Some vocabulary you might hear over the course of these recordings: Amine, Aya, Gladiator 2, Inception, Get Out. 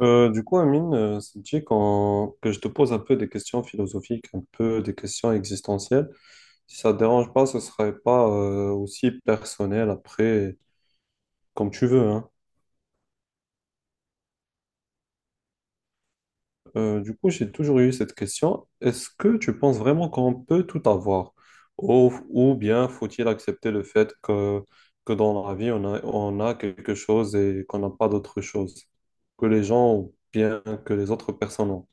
Du coup, Amine, ça te dit que je te pose un peu des questions philosophiques, un peu des questions existentielles. Si ça ne te dérange pas, ce ne serait pas aussi personnel après, comme tu veux, hein. Du coup, j'ai toujours eu cette question. Est-ce que tu penses vraiment qu'on peut tout avoir? Ou bien faut-il accepter le fait que dans la vie, on a quelque chose et qu'on n'a pas d'autre chose que les gens ou bien que les autres personnes ont?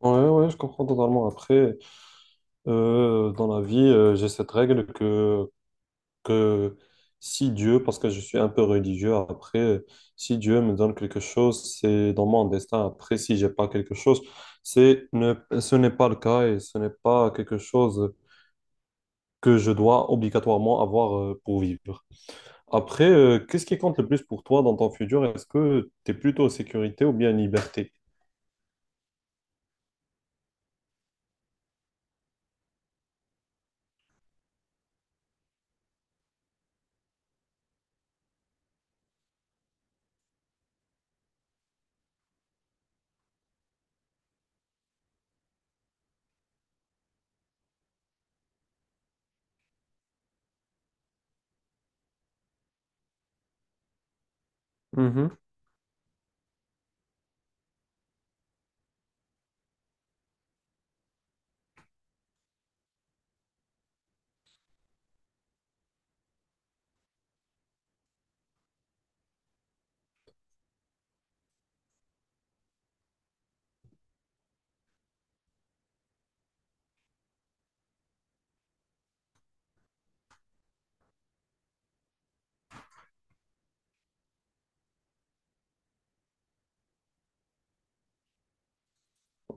Ouais, ouais, je comprends totalement. Après. Dans la vie, j'ai cette règle que si Dieu, parce que je suis un peu religieux après, si Dieu me donne quelque chose, c'est dans mon destin. Après, si j'ai pas quelque chose, c'est ne, ce n'est pas le cas et ce n'est pas quelque chose que je dois obligatoirement avoir pour vivre. Après, qu'est-ce qui compte le plus pour toi dans ton futur? Est-ce que tu es plutôt sécurité ou bien liberté?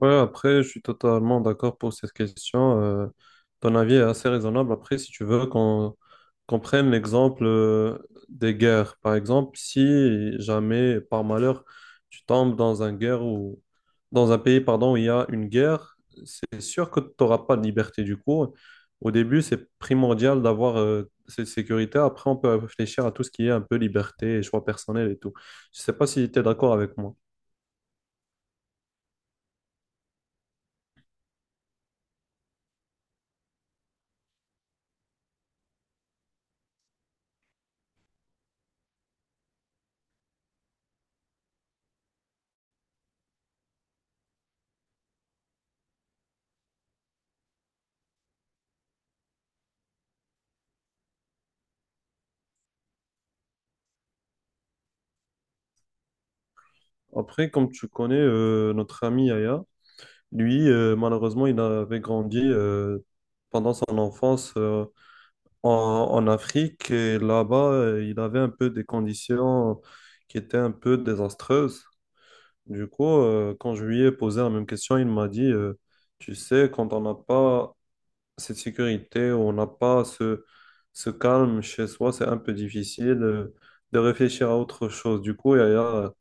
Ouais, après, je suis totalement d'accord pour cette question. Ton avis est assez raisonnable. Après, si tu veux qu'on prenne l'exemple des guerres. Par exemple, si jamais, par malheur, tu tombes dans un guerre ou dans un pays, pardon, où il y a une guerre, c'est sûr que tu n'auras pas de liberté du coup. Au début, c'est primordial d'avoir cette sécurité. Après, on peut réfléchir à tout ce qui est un peu liberté et choix personnel et tout. Je sais pas si tu es d'accord avec moi. Après, comme tu connais notre ami Aya, lui, malheureusement, il avait grandi pendant son enfance en Afrique et là-bas, il avait un peu des conditions qui étaient un peu désastreuses. Du coup, quand je lui ai posé la même question, il m'a dit, tu sais, quand on n'a pas cette sécurité, on n'a pas ce calme chez soi, c'est un peu difficile de réfléchir à autre chose. Du coup, Yaya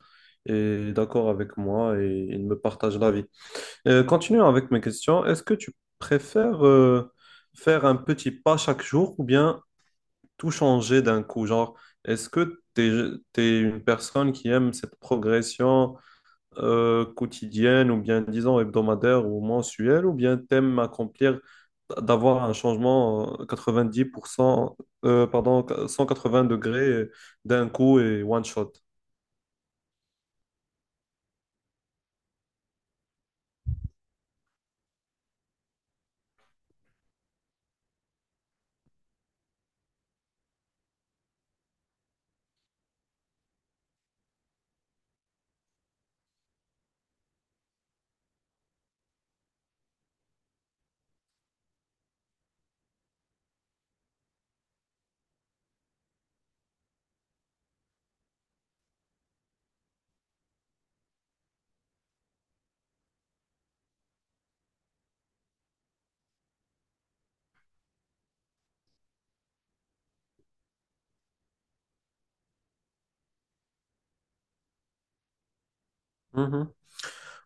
est d'accord avec moi et il me partage l'avis. Continuons avec mes questions. Est-ce que tu préfères faire un petit pas chaque jour ou bien tout changer d'un coup? Genre, est-ce que tu es, une personne qui aime cette progression quotidienne ou bien, disons, hebdomadaire ou mensuelle ou bien t'aimes accomplir, d'avoir un changement 90%, pardon, 180 degrés d'un coup et one shot?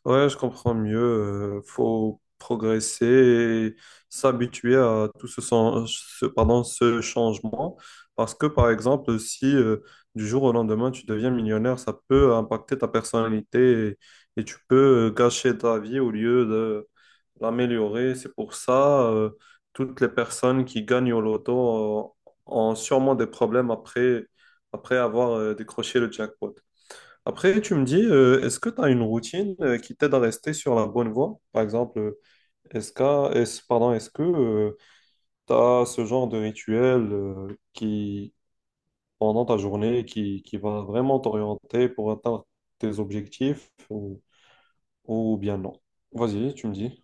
Ouais, je comprends mieux. Faut progresser et s'habituer à tout pardon, ce changement. Parce que, par exemple, si du jour au lendemain, tu deviens millionnaire, ça peut impacter ta personnalité et tu peux gâcher ta vie au lieu de l'améliorer. C'est pour ça, toutes les personnes qui gagnent au loto ont sûrement des problèmes après avoir décroché le jackpot. Après, tu me dis, est-ce que tu as une routine qui t'aide à rester sur la bonne voie? Par exemple, pardon, est-ce que tu as ce genre de rituel qui, pendant ta journée, qui va vraiment t'orienter pour atteindre tes objectifs ou bien non? Vas-y, tu me dis.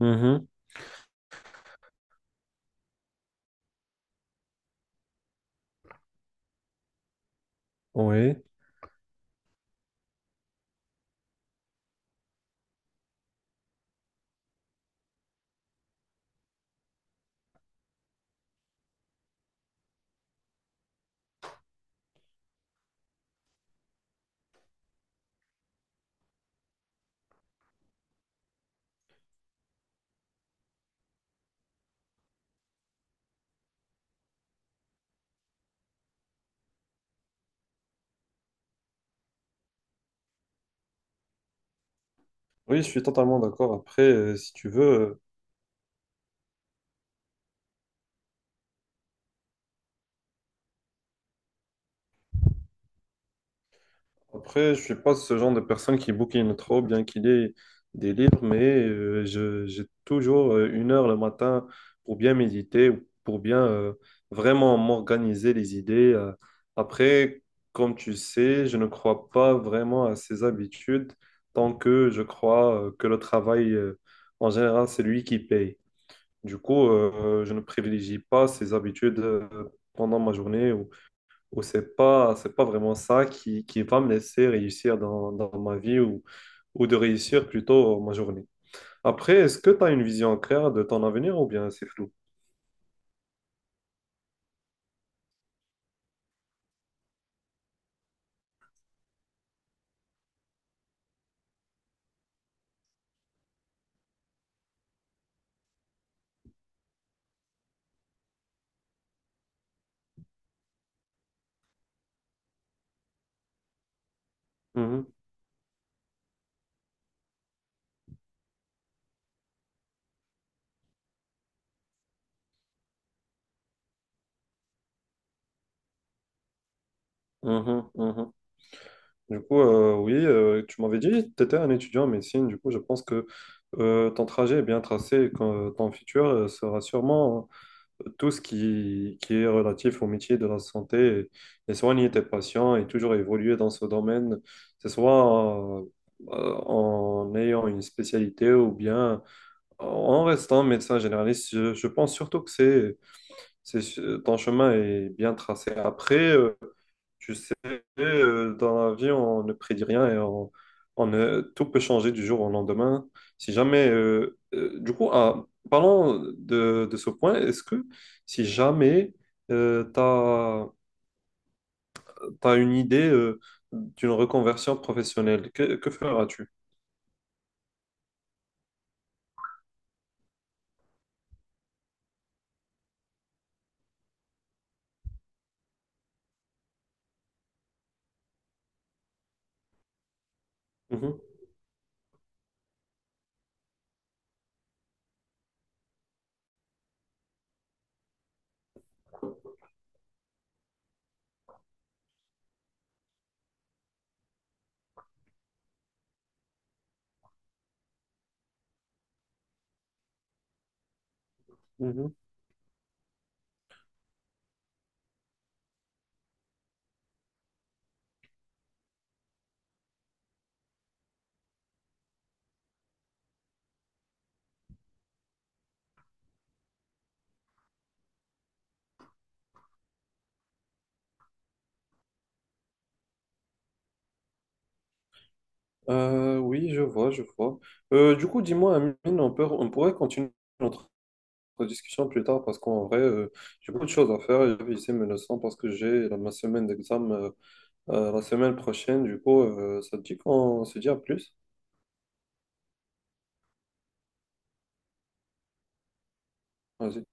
Mhm. Oui. Oui, je suis totalement d'accord. Après, si tu veux. Après, je suis pas ce genre de personne qui bouquine trop, bien qu'il ait des livres, mais j'ai toujours 1 heure le matin pour bien méditer, ou pour bien vraiment m'organiser les idées. Après, comme tu sais, je ne crois pas vraiment à ces habitudes tant que je crois que le travail, en général, c'est lui qui paye. Du coup, je ne privilégie pas ces habitudes pendant ma journée ou c'est pas vraiment ça qui va me laisser réussir dans ma vie ou de réussir plutôt ma journée. Après, est-ce que tu as une vision claire de ton avenir ou bien c'est flou? Mhm, mhm, mhm. Du coup, oui, tu m'avais dit que tu étais un étudiant en médecine. Du coup, je pense que ton trajet est bien tracé et que ton futur sera sûrement tout ce qui est relatif au métier de la santé et soigner tes patients et toujours évoluer dans ce domaine, que ce soit en ayant une spécialité ou bien en restant médecin généraliste. Je pense surtout c'est, ton chemin est bien tracé. Après, tu sais, dans la vie, on ne prédit rien et on ne- tout peut changer du jour au lendemain. Si jamais, du coup, ah, parlons de ce point, est-ce que si jamais tu as, une idée d'une reconversion professionnelle, que feras-tu? Mhm, mhm. Oui, je vois, je vois. Du coup, dis-moi, Amine, on pourrait continuer notre discussion plus tard parce qu'en vrai, j'ai beaucoup de choses à faire. Et puis, c'est menaçant parce que ma semaine d'examen la semaine prochaine. Du coup, ça te dit qu'on se dit à plus. Vas-y.